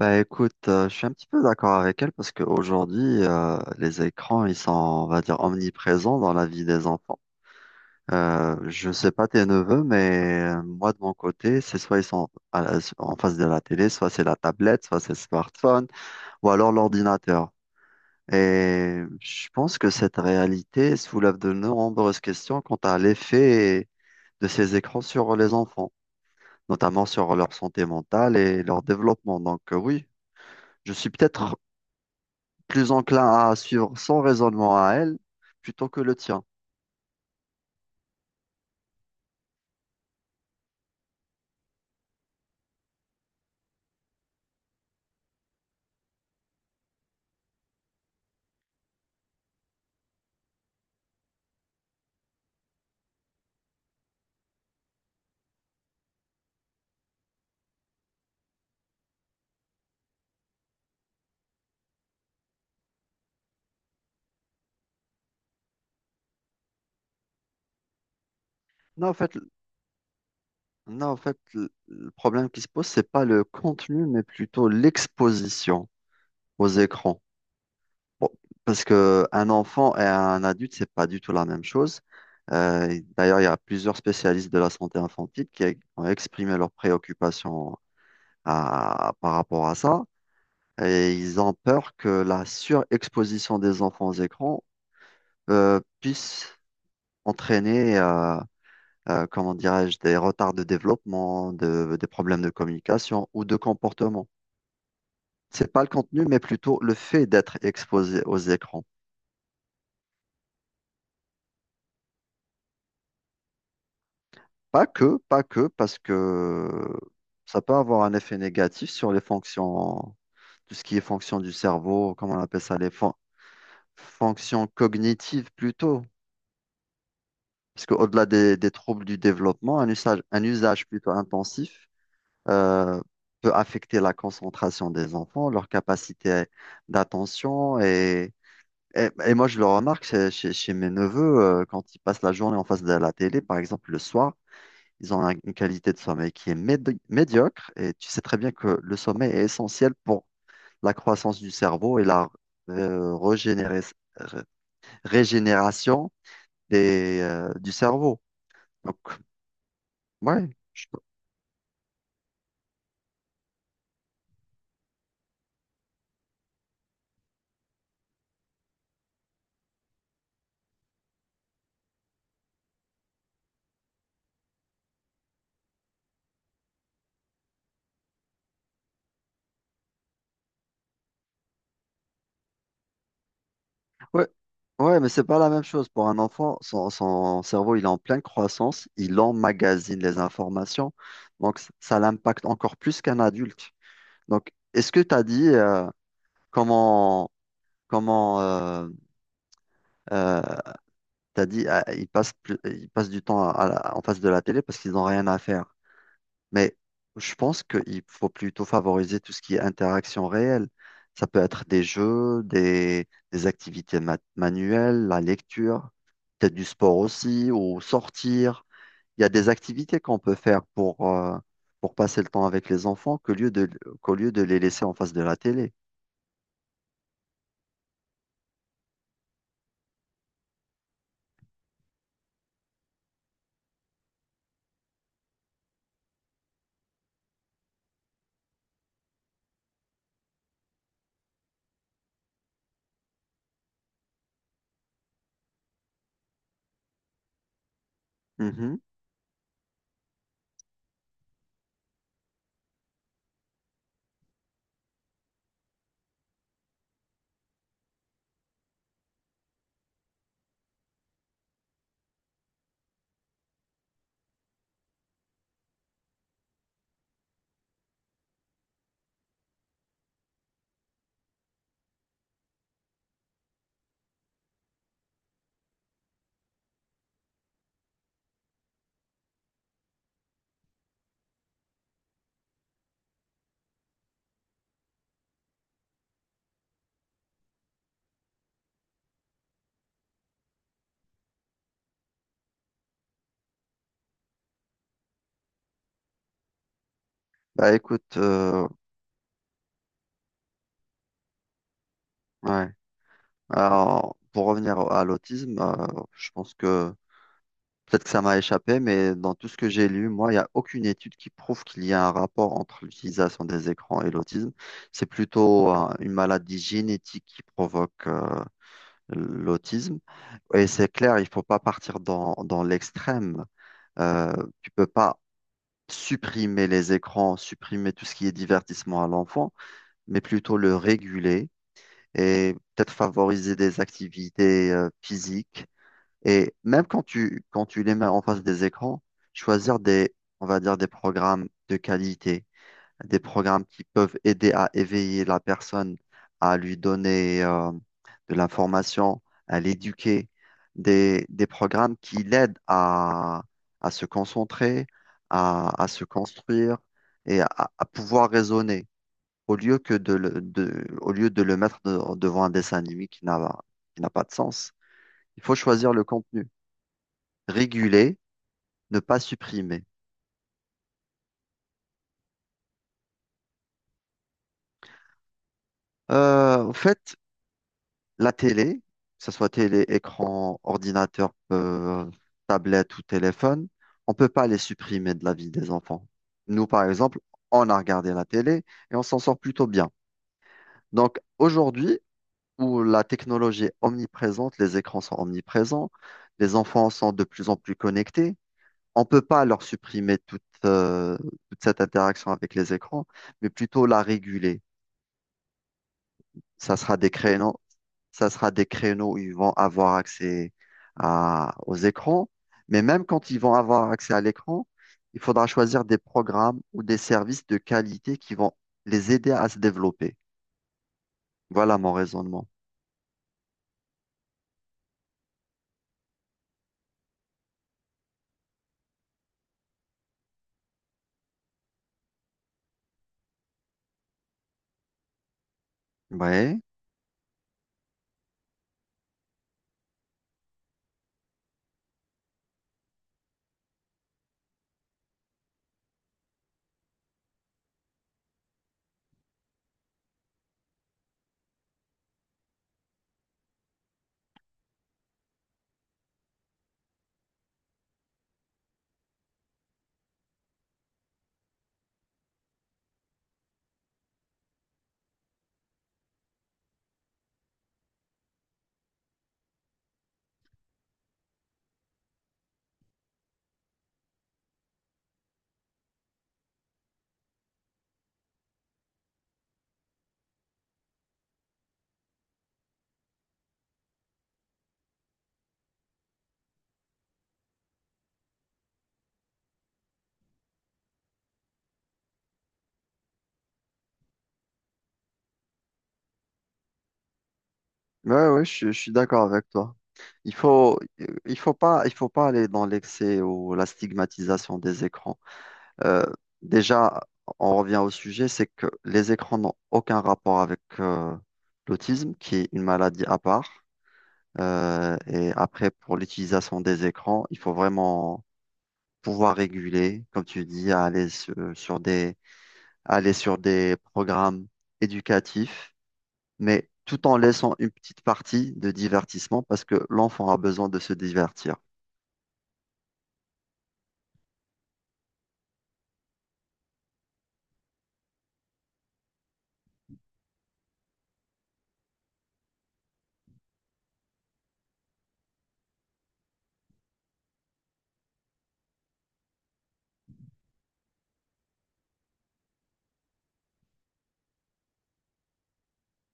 Bah écoute, je suis un petit peu d'accord avec elle parce qu'aujourd'hui, les écrans, ils sont, on va dire, omniprésents dans la vie des enfants. Je sais pas tes neveux, mais moi de mon côté, c'est soit ils sont en face de la télé, soit c'est la tablette, soit c'est le smartphone, ou alors l'ordinateur. Et je pense que cette réalité soulève de nombreuses questions quant à l'effet de ces écrans sur les enfants, notamment sur leur santé mentale et leur développement. Donc oui. Je suis peut-être plus enclin à suivre son raisonnement à elle plutôt que le tien. Non, en fait, non, en fait, le problème qui se pose, c'est pas le contenu, mais plutôt l'exposition aux écrans. Bon, parce que un enfant et un adulte, c'est pas du tout la même chose. Et d'ailleurs, il y a plusieurs spécialistes de la santé infantile qui ont exprimé leurs préoccupations par rapport à ça. Et ils ont peur que la surexposition des enfants aux écrans puisse entraîner comment dirais-je, des retards de développement, des problèmes de communication ou de comportement. C'est pas le contenu, mais plutôt le fait d'être exposé aux écrans. Pas que, pas que, parce que ça peut avoir un effet négatif sur les fonctions, tout ce qui est fonction du cerveau, comment on appelle ça, fonctions cognitives plutôt. Parce qu'au-delà des troubles du développement, un usage plutôt intensif euh, peut affecter la concentration des enfants, leur capacité d'attention. Et moi, je le remarque chez, chez mes neveux, quand ils passent la journée en face de la télé, par exemple le soir, ils ont une qualité de sommeil qui est médiocre. Et tu sais très bien que le sommeil est essentiel pour la croissance du cerveau et la euh, régénérer- ré- régénération des, du cerveau. Donc, ouais. Ouais, ouais, mais c'est pas la même chose. Pour un enfant, son, son cerveau, il est en pleine croissance, il emmagasine les informations, donc ça l'impacte encore plus qu'un adulte. Donc, est-ce que tu as dit comment, comment euh, t'as dit ah, ils passent du temps en face de la télé parce qu'ils n'ont rien à faire. Mais je pense qu'il faut plutôt favoriser tout ce qui est interaction réelle. Ça peut être des jeux, des activités manuelles, la lecture. Peut-être du sport aussi, ou sortir. Il y a des activités qu'on peut faire pour passer le temps avec les enfants qu'au lieu de les laisser en face de la télé. Mhm. Bah écoute, ouais. Alors, pour revenir à l'autisme, je pense que peut-être que ça m'a échappé, mais dans tout ce que j'ai lu, moi, il n'y a aucune étude qui prouve qu'il y a un rapport entre l'utilisation des écrans et l'autisme. C'est plutôt, une maladie génétique qui provoque, l'autisme. Et c'est clair, il faut pas partir dans, dans l'extrême. Euh, Tu peux pas supprimer les écrans, supprimer tout ce qui est divertissement à l'enfant, mais plutôt le réguler et peut-être favoriser des activités physiques. Et même quand tu les mets en face des écrans, choisir des, on va dire, des programmes de qualité, des programmes qui peuvent aider à éveiller la personne, à lui donner de l'information, à l'éduquer, des programmes qui l'aident à se concentrer, à se construire et à pouvoir raisonner, au lieu que de le, au lieu de le mettre devant un dessin animé qui n'a pas de sens. Il faut choisir le contenu, réguler, ne pas supprimer. En fait, la télé, que ce soit télé, écran, ordinateur, tablette ou téléphone, on ne peut pas les supprimer de la vie des enfants. Nous, par exemple, on a regardé la télé et on s'en sort plutôt bien. Donc aujourd'hui, où la technologie est omniprésente, les écrans sont omniprésents, les enfants sont de plus en plus connectés, on ne peut pas leur supprimer toute, toute cette interaction avec les écrans, mais plutôt la réguler. Ça sera des créneaux, ça sera des créneaux où ils vont avoir accès aux écrans. Mais même quand ils vont avoir accès à l'écran, il faudra choisir des programmes ou des services de qualité qui vont les aider à se développer. Voilà mon raisonnement. Ouais, ouais, ouais, je suis d'accord avec toi. Il faut, il faut pas aller dans l'excès ou la stigmatisation des écrans. Euh, Déjà, on revient au sujet, c'est que les écrans n'ont aucun rapport avec l'autisme, qui est une maladie à part. Et après, pour l'utilisation des écrans, il faut vraiment pouvoir réguler, comme tu dis, à aller sur, sur des, aller sur des programmes éducatifs, mais tout en laissant une petite partie de divertissement parce que l'enfant a besoin de se divertir.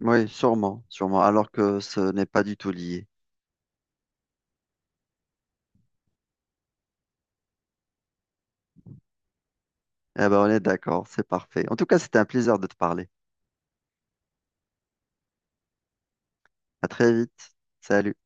Oui, sûrement, sûrement, alors que ce n'est pas du tout lié. Eh ben, on est d'accord, c'est parfait. En tout cas, c'était un plaisir de te parler. À très vite. Salut.